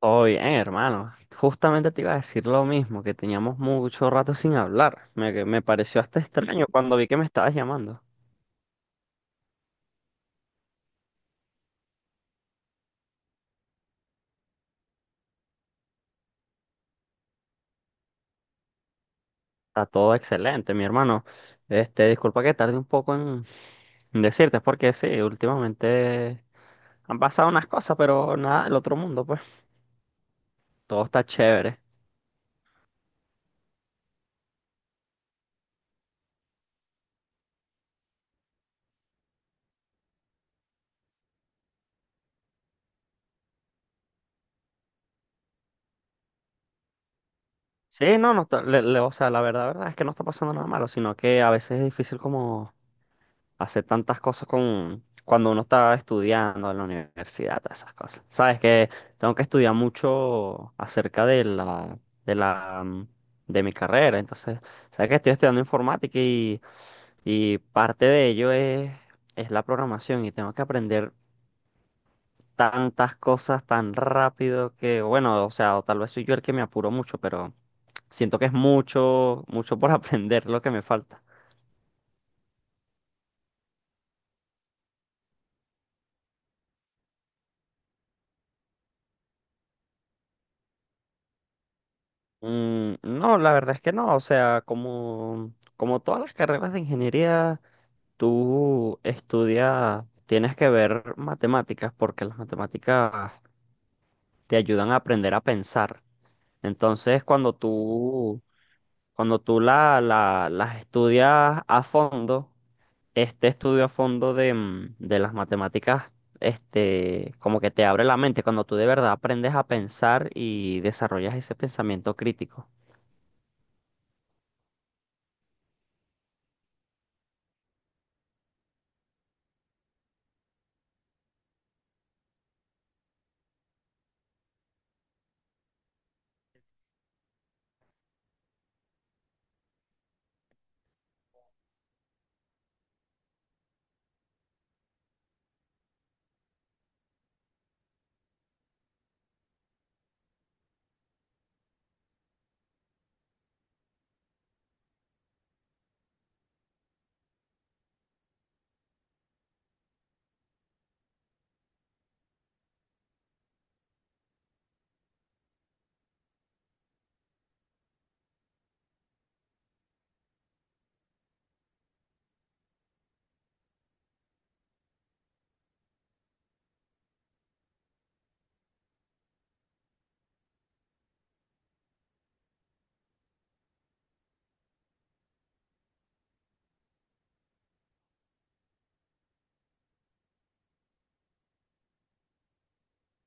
Todo bien, hermano. Justamente te iba a decir lo mismo, que teníamos mucho rato sin hablar. Que me pareció hasta extraño cuando vi que me estabas llamando. Está todo excelente, mi hermano. Disculpa que tarde un poco en decirte, es porque sí, últimamente han pasado unas cosas, pero nada del otro mundo, pues. Todo está chévere. Sí, no, no, o sea, la verdad, verdad es que no está pasando nada malo, sino que a veces es difícil como hacer tantas cosas con cuando uno está estudiando en la universidad, todas esas cosas. Sabes que tengo que estudiar mucho acerca de la, de la, mm, de mi carrera. Entonces, sabes que estoy estudiando informática y parte de ello es la programación y tengo que aprender tantas cosas tan rápido que, bueno, o sea, o tal vez soy yo el que me apuro mucho, pero siento que es mucho, mucho por aprender lo que me falta. Mm, no, la verdad es que no. O sea, como, como todas las carreras de ingeniería, tú estudias, tienes que ver matemáticas porque las matemáticas te ayudan a aprender a pensar. Entonces, cuando tú las estudias a fondo, este estudio a fondo de de las matemáticas, como que te abre la mente cuando tú de verdad aprendes a pensar y desarrollas ese pensamiento crítico.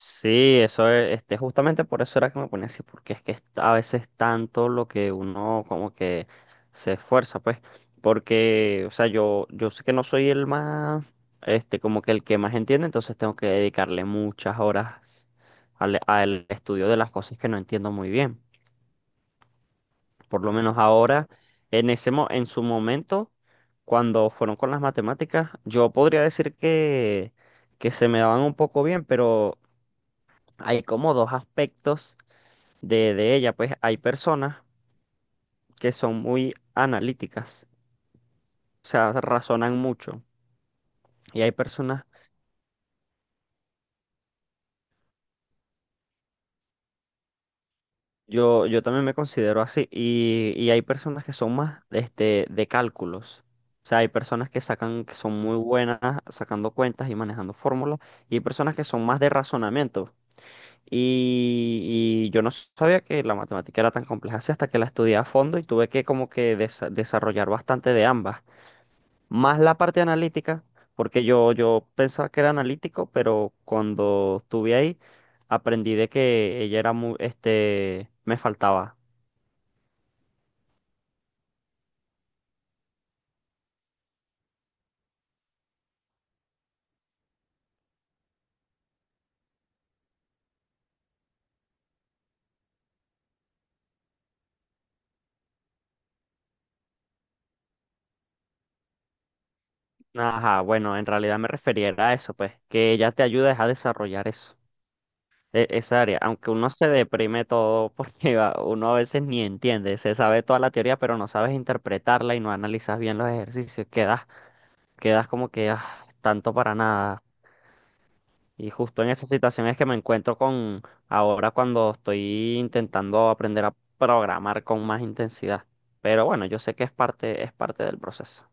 Sí, eso es, este, justamente por eso era que me ponía así, porque es que es a veces tanto lo que uno como que se esfuerza, pues, porque, o sea, yo sé que no soy el más, como que el que más entiende, entonces tengo que dedicarle muchas horas al estudio de las cosas que no entiendo muy bien. Por lo menos ahora, en su momento, cuando fueron con las matemáticas, yo podría decir que se me daban un poco bien, pero hay como dos aspectos de ella, pues hay personas que son muy analíticas, o sea, razonan mucho. Y hay personas, yo también me considero así, y hay personas que son más de cálculos. O sea, hay personas que sacan, que son muy buenas sacando cuentas y manejando fórmulas, y hay personas que son más de razonamiento. Y yo no sabía que la matemática era tan compleja así hasta que la estudié a fondo y tuve que como que desarrollar bastante de ambas. Más la parte analítica, porque yo pensaba que era analítico, pero cuando estuve ahí aprendí de que ella era muy, me faltaba. Ajá, bueno, en realidad me refería era a eso, pues, que ella te ayuda es a desarrollar eso, e- esa área, aunque uno se deprime todo porque uno a veces ni entiende, se sabe toda la teoría, pero no sabes interpretarla y no analizas bien los ejercicios, quedas, quedas como que ah, tanto para nada. Y justo en esa situación es que me encuentro con ahora cuando estoy intentando aprender a programar con más intensidad. Pero bueno, yo sé que es parte del proceso.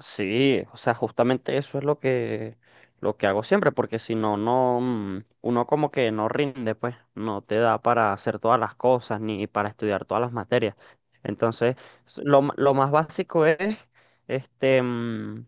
Sí, o sea, justamente eso es lo que hago siempre, porque si no, no, mm, uno como que no rinde, pues, no te da para hacer todas las cosas ni para estudiar todas las materias. Entonces, lo más básico es, este, mm,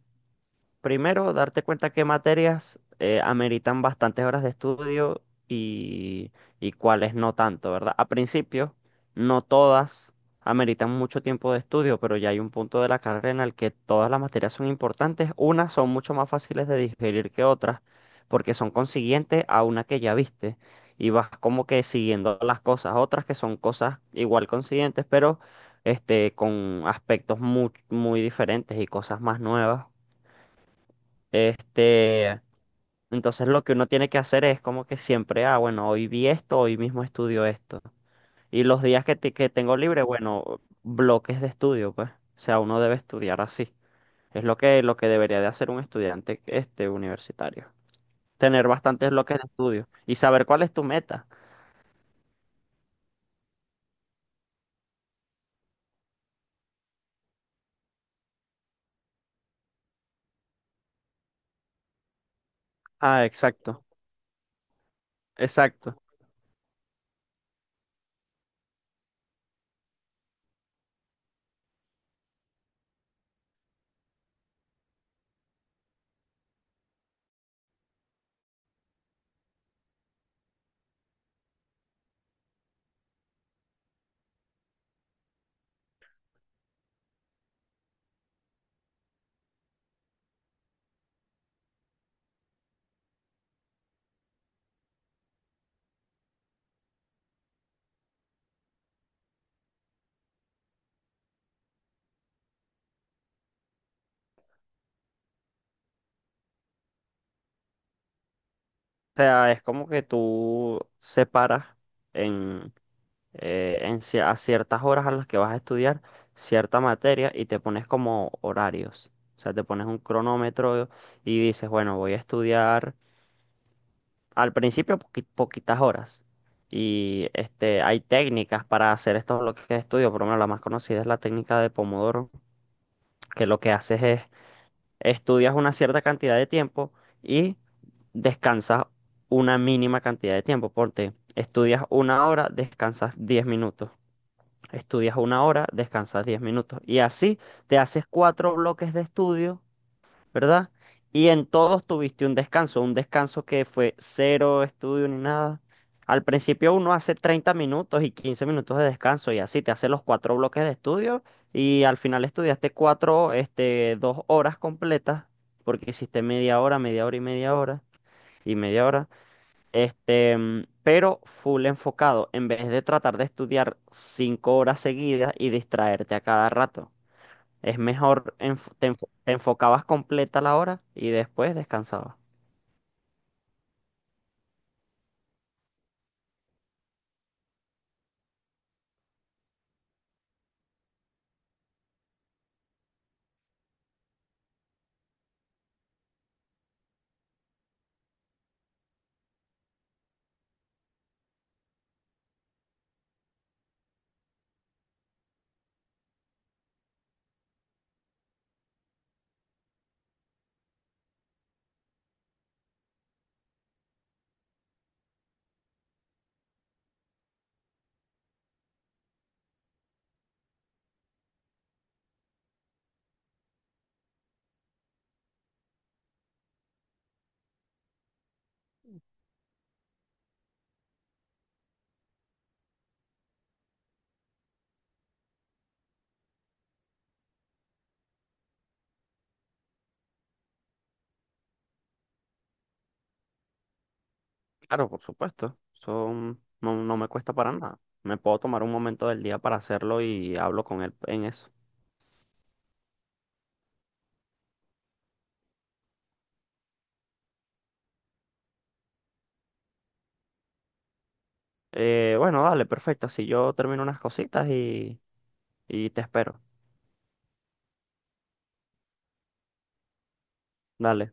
primero, darte cuenta qué materias ameritan bastantes horas de estudio y, y cuáles no tanto, ¿verdad? A principio, no todas ameritan mucho tiempo de estudio, pero ya hay un punto de la carrera en el que todas las materias son importantes. Unas son mucho más fáciles de digerir que otras, porque son consiguientes a una que ya viste y vas como que siguiendo las cosas. Otras que son cosas igual consiguientes, pero este, con aspectos muy, muy diferentes y cosas más nuevas. Este, entonces lo que uno tiene que hacer es como que siempre, ah, bueno, hoy vi esto, hoy mismo estudio esto. Y los días que tengo libre, bueno, bloques de estudio, pues. O sea, uno debe estudiar así. Es lo que debería de hacer un estudiante universitario. Tener bastantes bloques de estudio y saber cuál es tu meta. Ah, exacto, exacto. O sea, es como que tú separas en, a ciertas horas a las que vas a estudiar cierta materia y te pones como horarios. O sea, te pones un cronómetro y dices, bueno, voy a estudiar al principio poquitas horas. Y hay técnicas para hacer estos bloques de estudio, por lo menos la más conocida es la técnica de Pomodoro, que lo que haces es estudias una cierta cantidad de tiempo y descansas una mínima cantidad de tiempo. Porque estudias una hora, descansas 10 minutos. Estudias una hora, descansas 10 minutos. Y así te haces 4 bloques de estudio, ¿verdad? Y en todos tuviste un descanso que fue cero estudio ni nada. Al principio uno hace 30 minutos y 15 minutos de descanso y así te hace los 4 bloques de estudio y al final estudiaste cuatro, este, 2 horas completas porque hiciste media hora y media hora y media hora. Este, mm, pero full enfocado, en vez de tratar de estudiar 5 horas seguidas y distraerte a cada rato. Es mejor, te enfocabas completa la hora y después descansabas. Claro, por supuesto. Eso no me cuesta para nada. Me puedo tomar un momento del día para hacerlo y hablo con él en eso. Bueno, dale, perfecto. Así yo termino unas cositas y te espero. Dale.